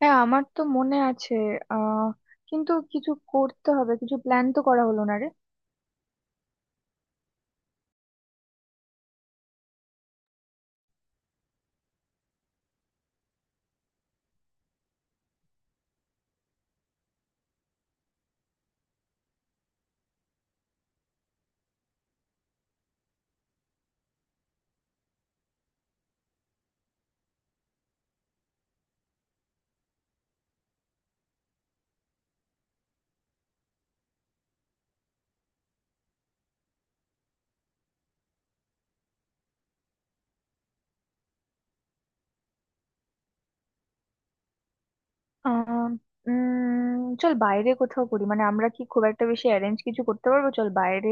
হ্যাঁ, আমার তো মনে আছে। আহ কিন্তু কিছু করতে হবে, কিছু প্ল্যান তো করা হলো না রে। আহ উম চল বাইরে কোথাও করি, মানে আমরা কি খুব একটা বেশি অ্যারেঞ্জ কিছু করতে পারবো? চল বাইরে,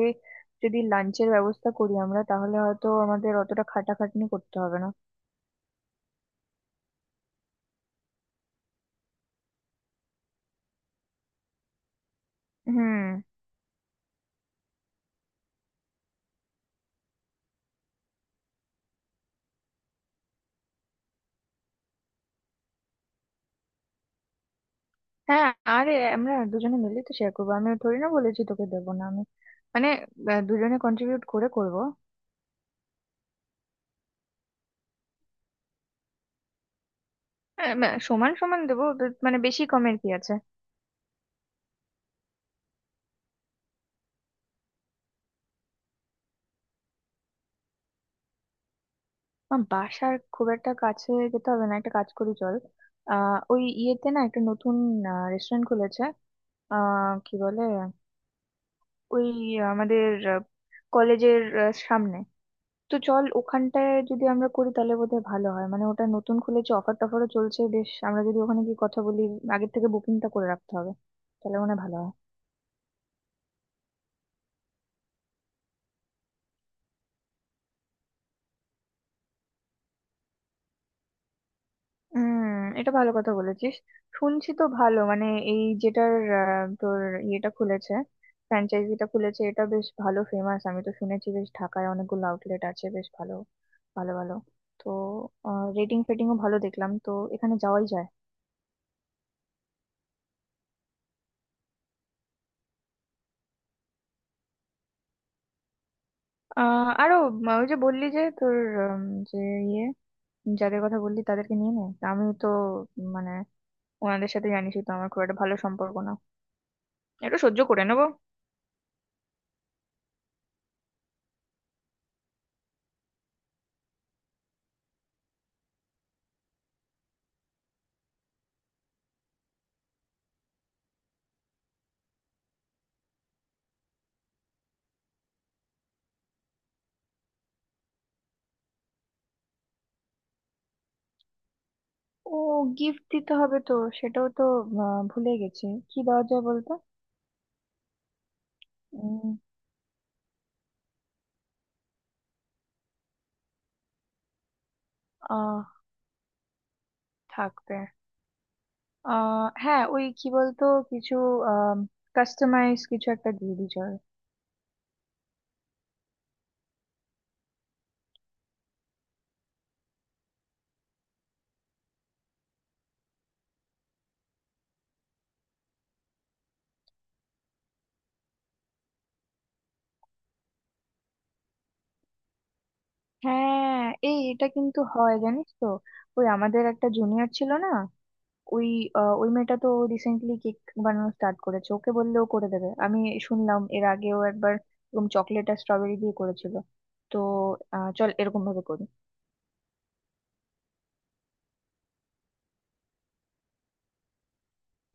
যদি লাঞ্চের ব্যবস্থা করি আমরা, তাহলে হয়তো আমাদের অতটা খাটাখাটনি করতে হবে না। হুম। হ্যাঁ, আরে আমরা দুজনে মিলে তো শেয়ার করবো, আমি থোড়ি না বলেছি তোকে দেবো না আমি। মানে দুজনে কন্ট্রিবিউট করে করবো। না, সমান সমান দেবো তো, মানে বেশি কমের কি আছে। আমার বাসার খুব একটা কাছে যেতে হবে না, একটা কাজ করি চল। ওই ইয়েতে না একটা নতুন রেস্টুরেন্ট খুলেছে। কি বলে, ওই আমাদের কলেজের সামনে। তো চল ওখানটায় যদি আমরা করি, তাহলে বোধহয় ভালো হয়। মানে ওটা নতুন খুলেছে, অফার টফারও চলছে বেশ। আমরা যদি ওখানে গিয়ে কথা বলি, আগের থেকে বুকিংটা করে রাখতে হবে, তাহলে মনে হয় ভালো হয়। হুম। এটা ভালো কথা বলেছিস। শুনছি তো ভালো, মানে এই যেটার তোর ইয়েটা খুলেছে, ফ্র্যাঞ্চাইজিটা খুলেছে, এটা বেশ ভালো ফেমাস। আমি তো শুনেছি বেশ, ঢাকায় অনেকগুলো আউটলেট আছে, বেশ ভালো ভালো ভালো। তো রেটিং ফেটিংও ভালো দেখলাম, তো এখানে যাওয়াই যায়। আরো ওই যে বললি যে তোর, উম, যে ইয়ে, যাদের কথা বললি তাদেরকে নিয়ে নে। তা আমি তো মানে ওনাদের সাথে জানিসই তো আমার খুব একটা ভালো সম্পর্ক না। এটা সহ্য করে নেবো। ও, গিফট দিতে হবে তো, সেটাও তো ভুলে গেছি। কি দেওয়া যায় বলতো? উম। আহ থাকবে আহ হ্যাঁ, ওই কি বলতো, কিছু কাস্টমাইজ কিছু একটা দিয়ে দিই চল। হ্যাঁ, এই এটা কিন্তু হয় জানিস তো। ওই আমাদের একটা জুনিয়র ছিল না, ওই ওই মেয়েটা তো রিসেন্টলি কেক বানানো স্টার্ট করেছে, ওকে বললেও করে দেবে। আমি শুনলাম এর আগেও একবার এরকম চকলেট আর স্ট্রবেরি দিয়ে করেছিল। তো চল এরকম ভাবে করি।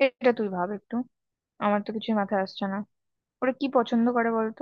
এটা তুই ভাব একটু, আমার তো কিছুই মাথায় আসছে না। ওরা কি পছন্দ করে বলতো?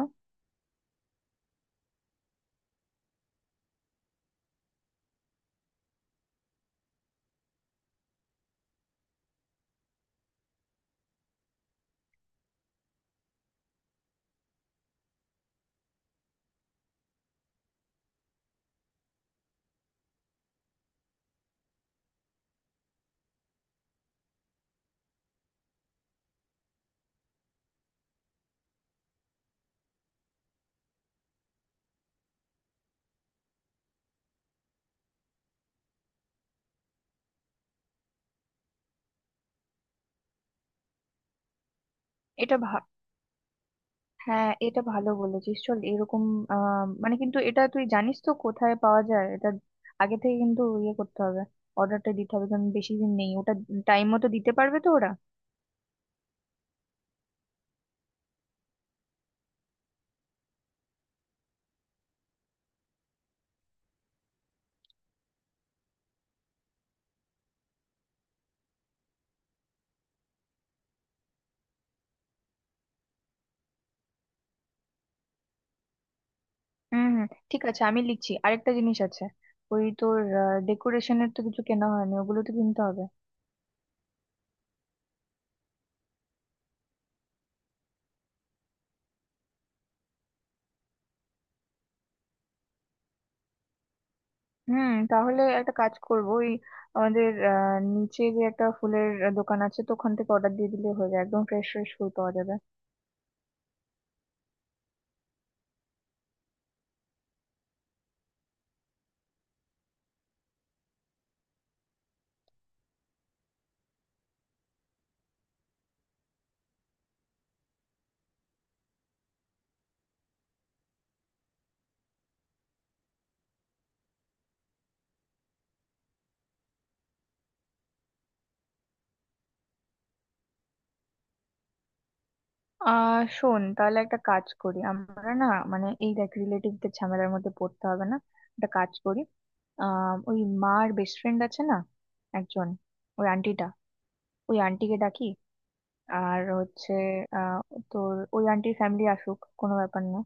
এটা ভা- হ্যাঁ, এটা ভালো বলেছিস, চল এরকম। মানে কিন্তু এটা তুই জানিস তো কোথায় পাওয়া যায় এটা? আগে থেকে কিন্তু ইয়ে করতে হবে, অর্ডারটা দিতে হবে, কারণ বেশি দিন নেই ওটা। টাইম মতো দিতে পারবে তো ওরা? হুম হুম, ঠিক আছে, আমি লিখছি। আরেকটা জিনিস আছে, ওই তোর ডেকোরেশনের তো কিছু কেনা হয়নি, ওগুলো তো কিনতে হবে। হুম, তাহলে একটা কাজ করবো, ওই আমাদের নিচে যে একটা ফুলের দোকান আছে তো, ওখান থেকে অর্ডার দিয়ে দিলে হয়ে যায়, একদম ফ্রেশ ফ্রেশ ফুল পাওয়া যাবে। শোন, তাহলে একটা কাজ করি আমরা না, মানে এই দেখ রিলেটিভদের ঝামেলার মধ্যে পড়তে হবে না। একটা কাজ করি, ওই মার বেস্ট ফ্রেন্ড আছে না একজন, ওই আন্টিটা, ওই আন্টিকে ডাকি। আর হচ্ছে আহ তোর ওই আন্টির ফ্যামিলি আসুক, কোনো ব্যাপার না।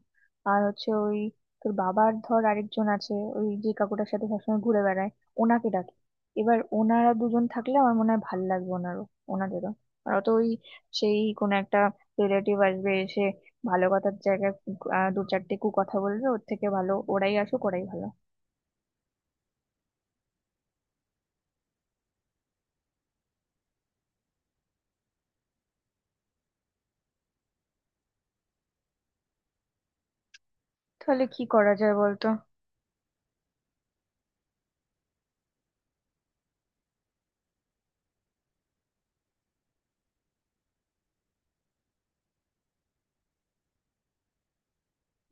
আর হচ্ছে ওই তোর বাবার ধর আরেকজন আছে, ওই যে কাকুটার সাথে সবসময় ঘুরে বেড়ায়, ওনাকে ডাকি। এবার ওনারা দুজন থাকলে আমার মনে হয় ভাল লাগবে, ওনারও, ওনাদেরও। আর অত ওই সেই কোনো একটা রিলেটিভ আসবে, এসে ভালো কথার জায়গায় দু চারটে কু কথা বলবে, ওর থেকে ভালো ওরাই আসুক, ওরাই ভালো। তাহলে কি করা যায় বলতো?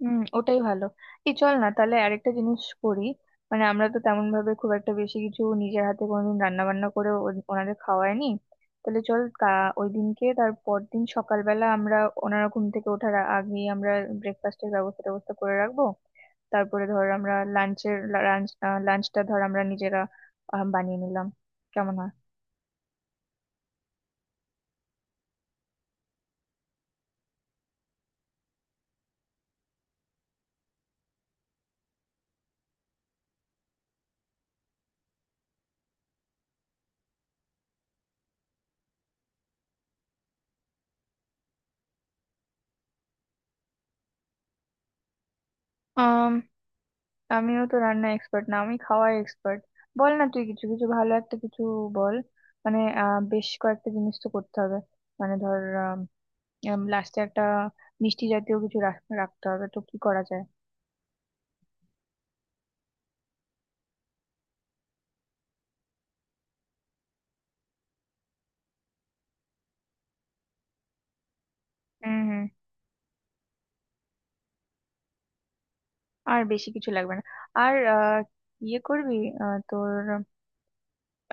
হুম, ওটাই ভালো। এই চল না তাহলে আরেকটা জিনিস করি, মানে আমরা তো তেমন ভাবে খুব একটা বেশি কিছু নিজের হাতে কোনোদিন রান্না বান্না করে ওনাদের খাওয়ায়নি। তাহলে চল ওই দিনকে তার পরদিন সকালবেলা আমরা, ওনারা ঘুম থেকে ওঠার আগেই আমরা ব্রেকফাস্টের ব্যবস্থা ব্যবস্থা করে রাখবো। তারপরে ধর আমরা লাঞ্চের লাঞ্চ লাঞ্চটা ধর আমরা নিজেরা বানিয়ে নিলাম, কেমন হয়? আমিও তো রান্না এক্সপার্ট না, আমি খাওয়ায় এক্সপার্ট। বল না তুই কিছু, কিছু ভালো একটা কিছু বল। মানে বেশ কয়েকটা জিনিস তো করতে হবে, মানে ধর লাস্টে একটা মিষ্টি জাতীয় কিছু রাখতে হবে, তো কি করা যায়? হুম হুম। আর বেশি কিছু লাগবে না। আর ইয়ে করবি তোর,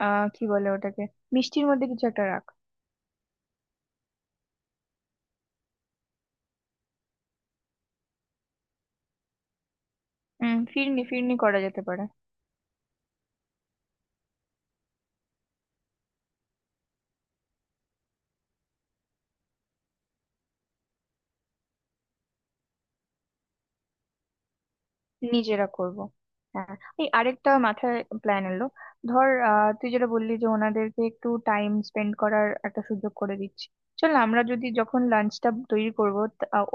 কি বলে ওটাকে, মিষ্টির মধ্যে কিছু একটা রাখ। হুম, ফিরনি ফিরনি করা যেতে পারে। নিজেরা করব। হ্যাঁ, এই আরেকটা মাথায় প্ল্যান এলো। ধর তুই যেটা বললি যে ওনাদেরকে একটু টাইম স্পেন্ড করার একটা সুযোগ করে দিচ্ছি, চল না, আমরা যদি যখন লাঞ্চটা তৈরি করব,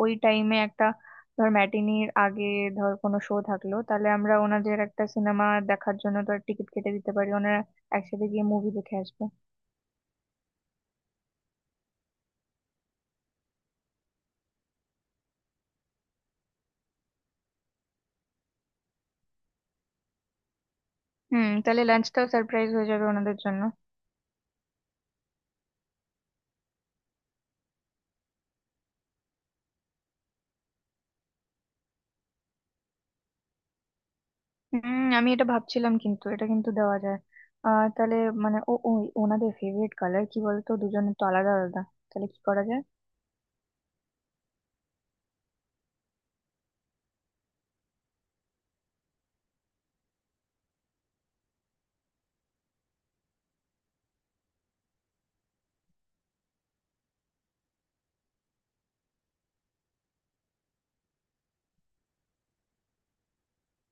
ওই টাইমে একটা ধর ম্যাটিনির আগে ধর কোনো শো থাকলো, তাহলে আমরা ওনাদের একটা সিনেমা দেখার জন্য ধর টিকিট কেটে দিতে পারি, ওনারা একসাথে গিয়ে মুভি দেখে আসবে। হুম, তাহলে লাঞ্চটাও সারপ্রাইজ হয়ে যাবে ওনাদের জন্য। হুম, আমি এটা ভাবছিলাম, কিন্তু এটা কিন্তু দেওয়া যায়। তাহলে মানে ওই ওনাদের ফেভারিট কালার কি বলতো, দুজনের তো আলাদা আলাদা, তাহলে কি করা যায়?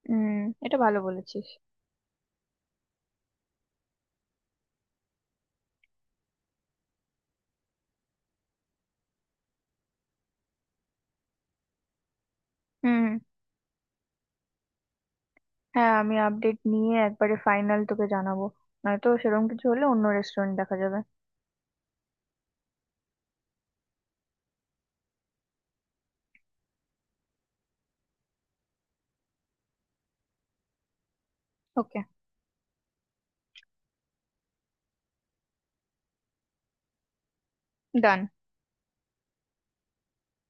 হুম, এটা ভালো বলেছিস। হুম। হ্যাঁ, আমি আপডেট নিয়ে একবারে ফাইনাল তোকে জানাবো, নয়তো সেরকম কিছু হলে অন্য রেস্টুরেন্ট দেখা যাবে। ওকে ডান।